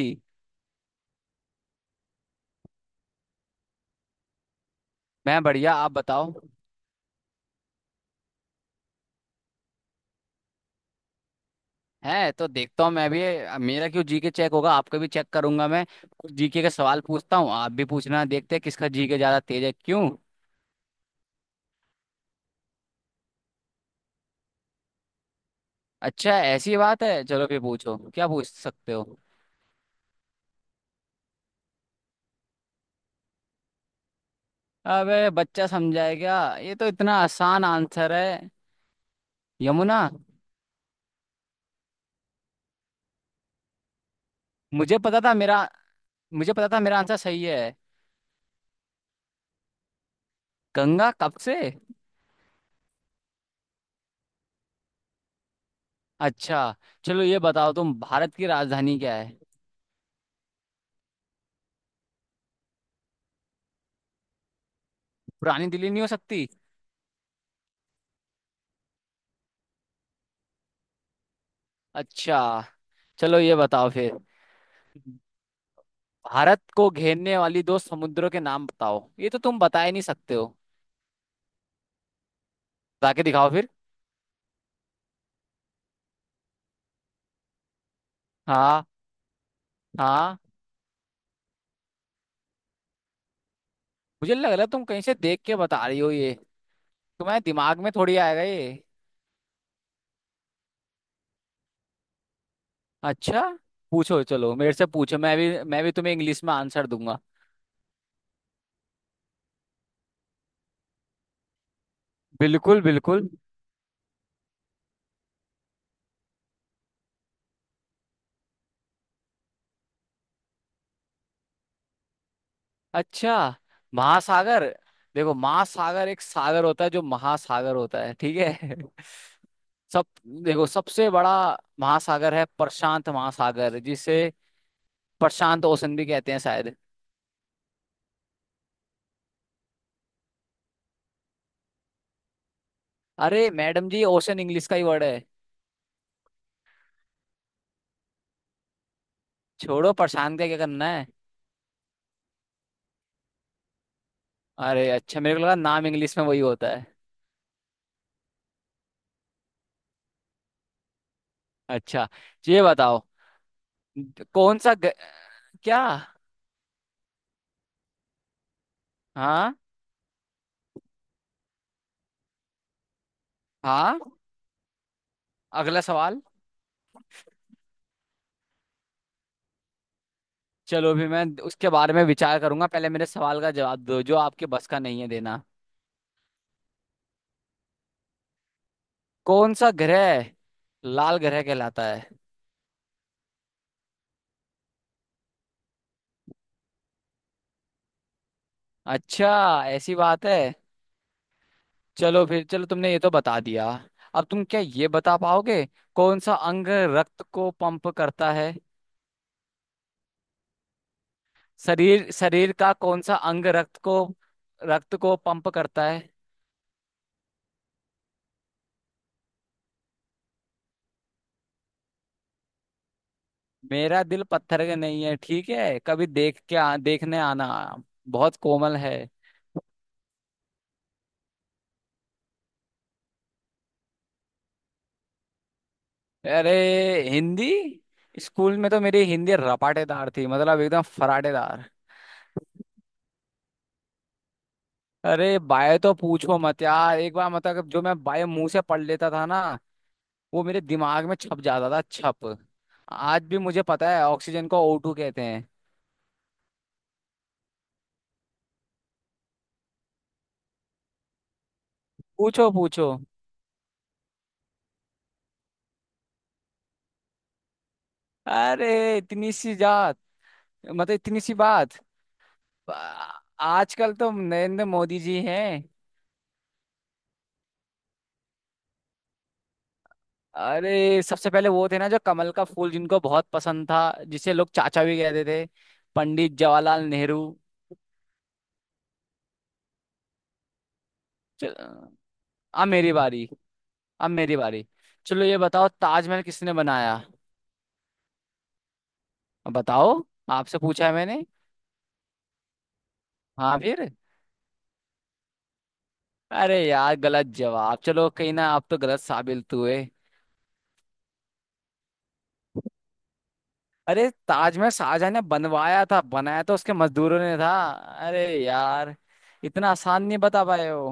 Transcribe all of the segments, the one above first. जी। मैं बढ़िया, आप बताओ। हैं तो देखता हूँ मैं भी। मेरा क्यों जीके चेक होगा, आपका भी चेक करूंगा मैं। जीके के सवाल पूछता हूँ, आप भी पूछना, देखते हैं किसका जीके ज्यादा तेज है, क्यों? अच्छा ऐसी बात है, चलो फिर पूछो, क्या पूछ सकते हो? अबे बच्चा समझाएगा, ये तो इतना आसान आंसर है। यमुना। मुझे पता था मेरा। मुझे पता था मेरा आंसर सही है। गंगा कब से? अच्छा। चलो ये बताओ, तुम भारत की राजधानी क्या है? पुरानी दिल्ली नहीं हो सकती? अच्छा। चलो ये बताओ फिर। भारत को घेरने वाली दो समुद्रों के नाम बताओ, ये तो तुम बता ही नहीं सकते हो। बता के दिखाओ फिर। हाँ, हाँ। मुझे लग रहा है तुम कहीं से देख के बता रही हो ये। तुम्हारे दिमाग में थोड़ी आएगा ये। अच्छा। पूछो, चलो मेरे से पूछो, मैं भी तुम्हें इंग्लिश में आंसर दूंगा। बिल्कुल बिल्कुल। अच्छा। महासागर। देखो महासागर एक सागर होता है जो महासागर होता है, ठीक है? सब। देखो सबसे बड़ा महासागर है प्रशांत महासागर, जिसे प्रशांत ओशन भी कहते हैं शायद। अरे मैडम जी, ओशन इंग्लिश का ही वर्ड है। छोड़ो प्रशांत का क्या करना है। अरे अच्छा, मेरे को लगा नाम इंग्लिश में वही होता है। अच्छा ये बताओ, कौन सा ग... क्या? हाँ, हाँ, अगला सवाल। चलो भी, मैं उसके बारे में विचार करूंगा, पहले मेरे सवाल का जवाब दो जो आपके बस का नहीं है देना। कौन सा ग्रह लाल ग्रह कहलाता है? अच्छा ऐसी बात है। चलो फिर, चलो तुमने ये तो बता दिया। अब तुम क्या ये बता पाओगे, कौन सा अंग रक्त को पंप करता है? शरीर शरीर का कौन सा अंग रक्त को पंप करता है? मेरा दिल पत्थर का नहीं है, ठीक है, कभी देख के देखने आना। बहुत कोमल है। अरे हिंदी, स्कूल में तो मेरी हिंदी रपाटेदार थी, मतलब एकदम फराटेदार। अरे बायो तो पूछो मत यार, एक बार मतलब जो मैं बायो मुंह से पढ़ लेता था ना, वो मेरे दिमाग में छप जाता था, छप। आज भी मुझे पता है ऑक्सीजन को O2 कहते हैं। पूछो पूछो। अरे इतनी सी जात, मतलब इतनी सी बात। आ- आजकल तो नरेंद्र मोदी जी हैं। अरे सबसे पहले वो थे ना जो कमल का फूल जिनको बहुत पसंद था, जिसे लोग चाचा भी कहते थे, पंडित जवाहरलाल नेहरू। चल- अब मेरी बारी। अब मेरी बारी। चलो ये बताओ, ताजमहल किसने बनाया? अब बताओ, आपसे पूछा है मैंने। हाँ फिर? अरे यार गलत जवाब, चलो कहीं ना, आप तो गलत साबित हुए। अरे ताजमहल शाहजहां ने बनवाया था, बनाया तो उसके मजदूरों ने था। अरे यार, इतना आसान नहीं बता पाए हो।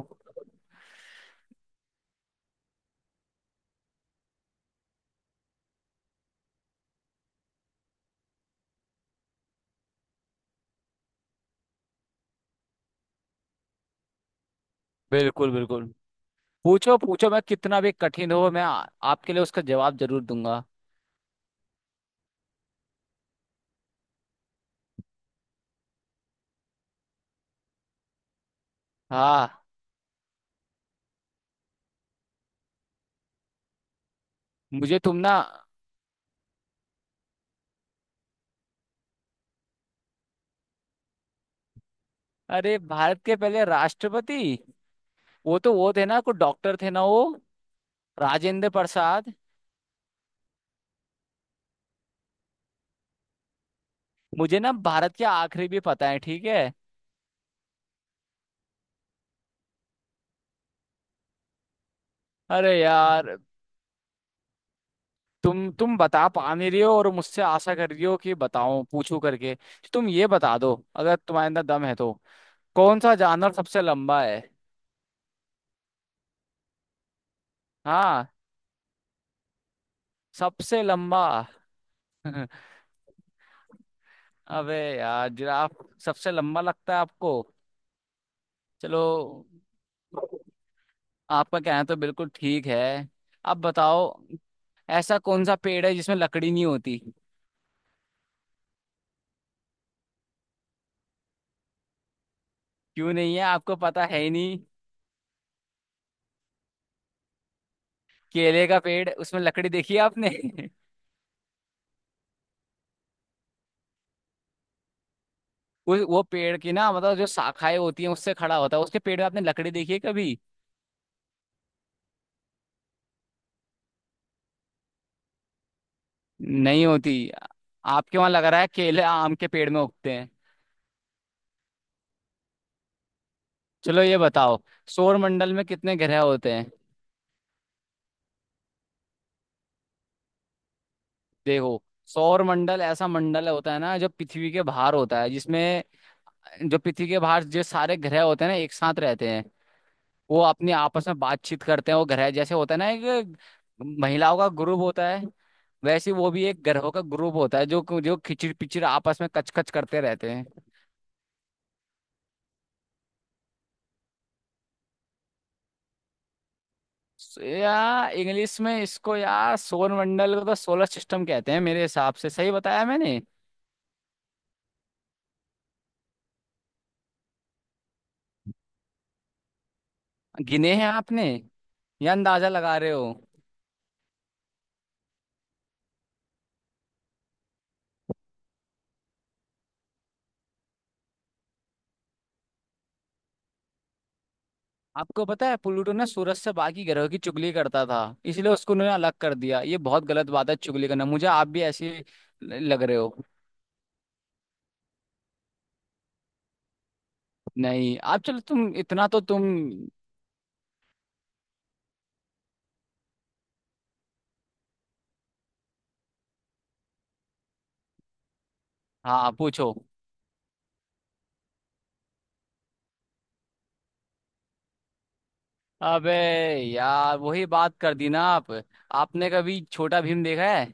बिल्कुल बिल्कुल, पूछो पूछो, मैं कितना भी कठिन हो, मैं आपके लिए उसका जवाब जरूर दूंगा। हाँ। मुझे तुम ना, अरे भारत के पहले राष्ट्रपति वो तो वो थे ना, कोई डॉक्टर थे ना वो, राजेंद्र प्रसाद। मुझे ना भारत के आखिरी भी पता है, ठीक है। अरे यार, तुम बता पा नहीं रही हो, और मुझसे आशा कर रही हो कि बताऊं, पूछूं करके तो तुम ये बता दो, अगर तुम्हारे अंदर दम है तो। कौन सा जानवर सबसे लंबा है? हाँ। सबसे लंबा। अबे यार, जिराफ सबसे लंबा लगता है आपको? चलो, आपका कहना तो बिल्कुल ठीक है। अब बताओ, ऐसा कौन सा पेड़ है जिसमें लकड़ी नहीं होती? क्यों नहीं है, आपको पता है ही नहीं। केले का पेड़, उसमें लकड़ी देखी है आपने? वो पेड़ की ना, मतलब जो शाखाएं होती हैं उससे खड़ा होता है, उसके पेड़ में आपने लकड़ी देखी है कभी? नहीं होती। आपके वहां लग रहा है केले आम के पेड़ में उगते हैं। चलो ये बताओ, सौर मंडल में कितने ग्रह होते हैं? देखो सौर मंडल ऐसा मंडल होता है ना जो पृथ्वी के बाहर होता है, जिसमें जो पृथ्वी के बाहर जो सारे ग्रह होते हैं ना एक साथ रहते हैं। वो अपनी आपस में बातचीत करते हैं, वो घर है जैसे होता है ना, एक महिलाओं का ग्रुप होता है। वैसे वो भी एक ग्रहों का ग्रुप होता है, जो जो खिचड़ पिचड़ आपस में कचकच करते रहते हैं। सो यार, इंग्लिश में इसको, यार सौर मंडल को तो सोलर सिस्टम कहते हैं, मेरे हिसाब से सही बताया मैंने। गिने हैं आपने या अंदाजा लगा रहे हो? आपको पता है, प्लूटो ने सूरज से बाकी ग्रहों की चुगली करता था, इसलिए उसको उन्होंने अलग कर दिया, ये बहुत गलत बात है चुगली करना, मुझे आप भी ऐसे लग रहे हो। नहीं आप, चलो तुम इतना तो तुम। हाँ पूछो। अबे यार वही बात कर दी ना आप। आपने कभी छोटा भीम देखा है?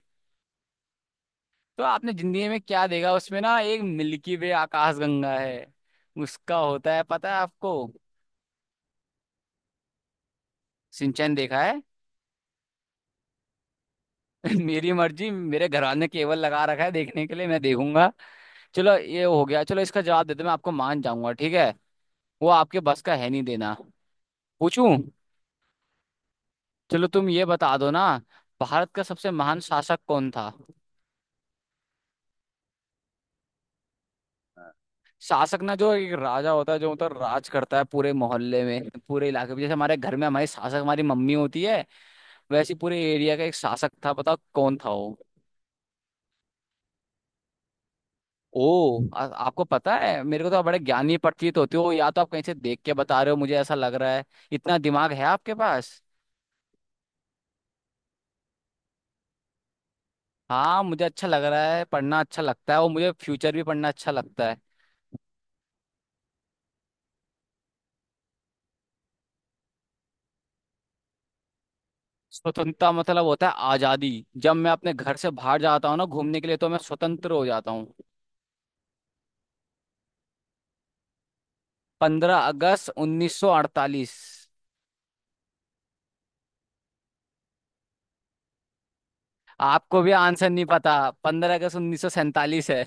तो आपने जिंदगी में क्या देखा, उसमें ना एक मिल्की वे आकाशगंगा है उसका, होता है पता है आपको? सिंचन देखा है। मेरी मर्जी, मेरे घरवाले ने केबल लगा रखा है देखने के लिए, मैं देखूंगा। चलो ये हो गया, चलो इसका जवाब देते मैं आपको मान जाऊंगा, ठीक है? वो आपके बस का है नहीं देना। पूछूं? चलो तुम ये बता दो ना, भारत का सबसे महान शासक कौन था? शासक ना, जो एक राजा होता है जो मतलब राज करता है पूरे मोहल्ले में, पूरे इलाके में, जैसे हमारे घर में हमारी शासक हमारी मम्मी होती है, वैसे ही पूरे एरिया का एक शासक था, बताओ कौन था वो? ओ आपको पता है? मेरे को तो आप बड़े ज्ञानी प्रतीत होते हो, या तो आप कहीं से देख के बता रहे हो, मुझे ऐसा लग रहा है इतना दिमाग है आपके पास। हाँ मुझे अच्छा लग रहा है, पढ़ना अच्छा लगता है, और मुझे फ्यूचर भी पढ़ना अच्छा लगता है। स्वतंत्रता मतलब होता है आजादी। जब मैं अपने घर से बाहर जाता हूँ ना घूमने के लिए, तो मैं स्वतंत्र हो जाता हूँ। 15 अगस्त 1948। आपको भी आंसर नहीं पता। 15 अगस्त 1947 है।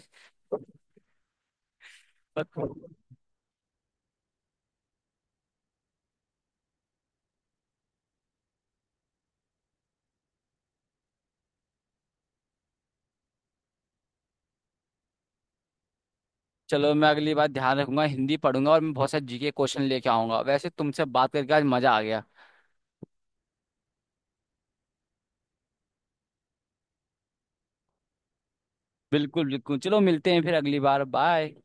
चलो मैं अगली बार ध्यान रखूंगा, हिंदी पढ़ूंगा, और मैं बहुत सारे जीके क्वेश्चन लेके आऊंगा। वैसे तुमसे बात करके आज मजा आ गया। बिल्कुल बिल्कुल, चलो मिलते हैं फिर अगली बार, बाय।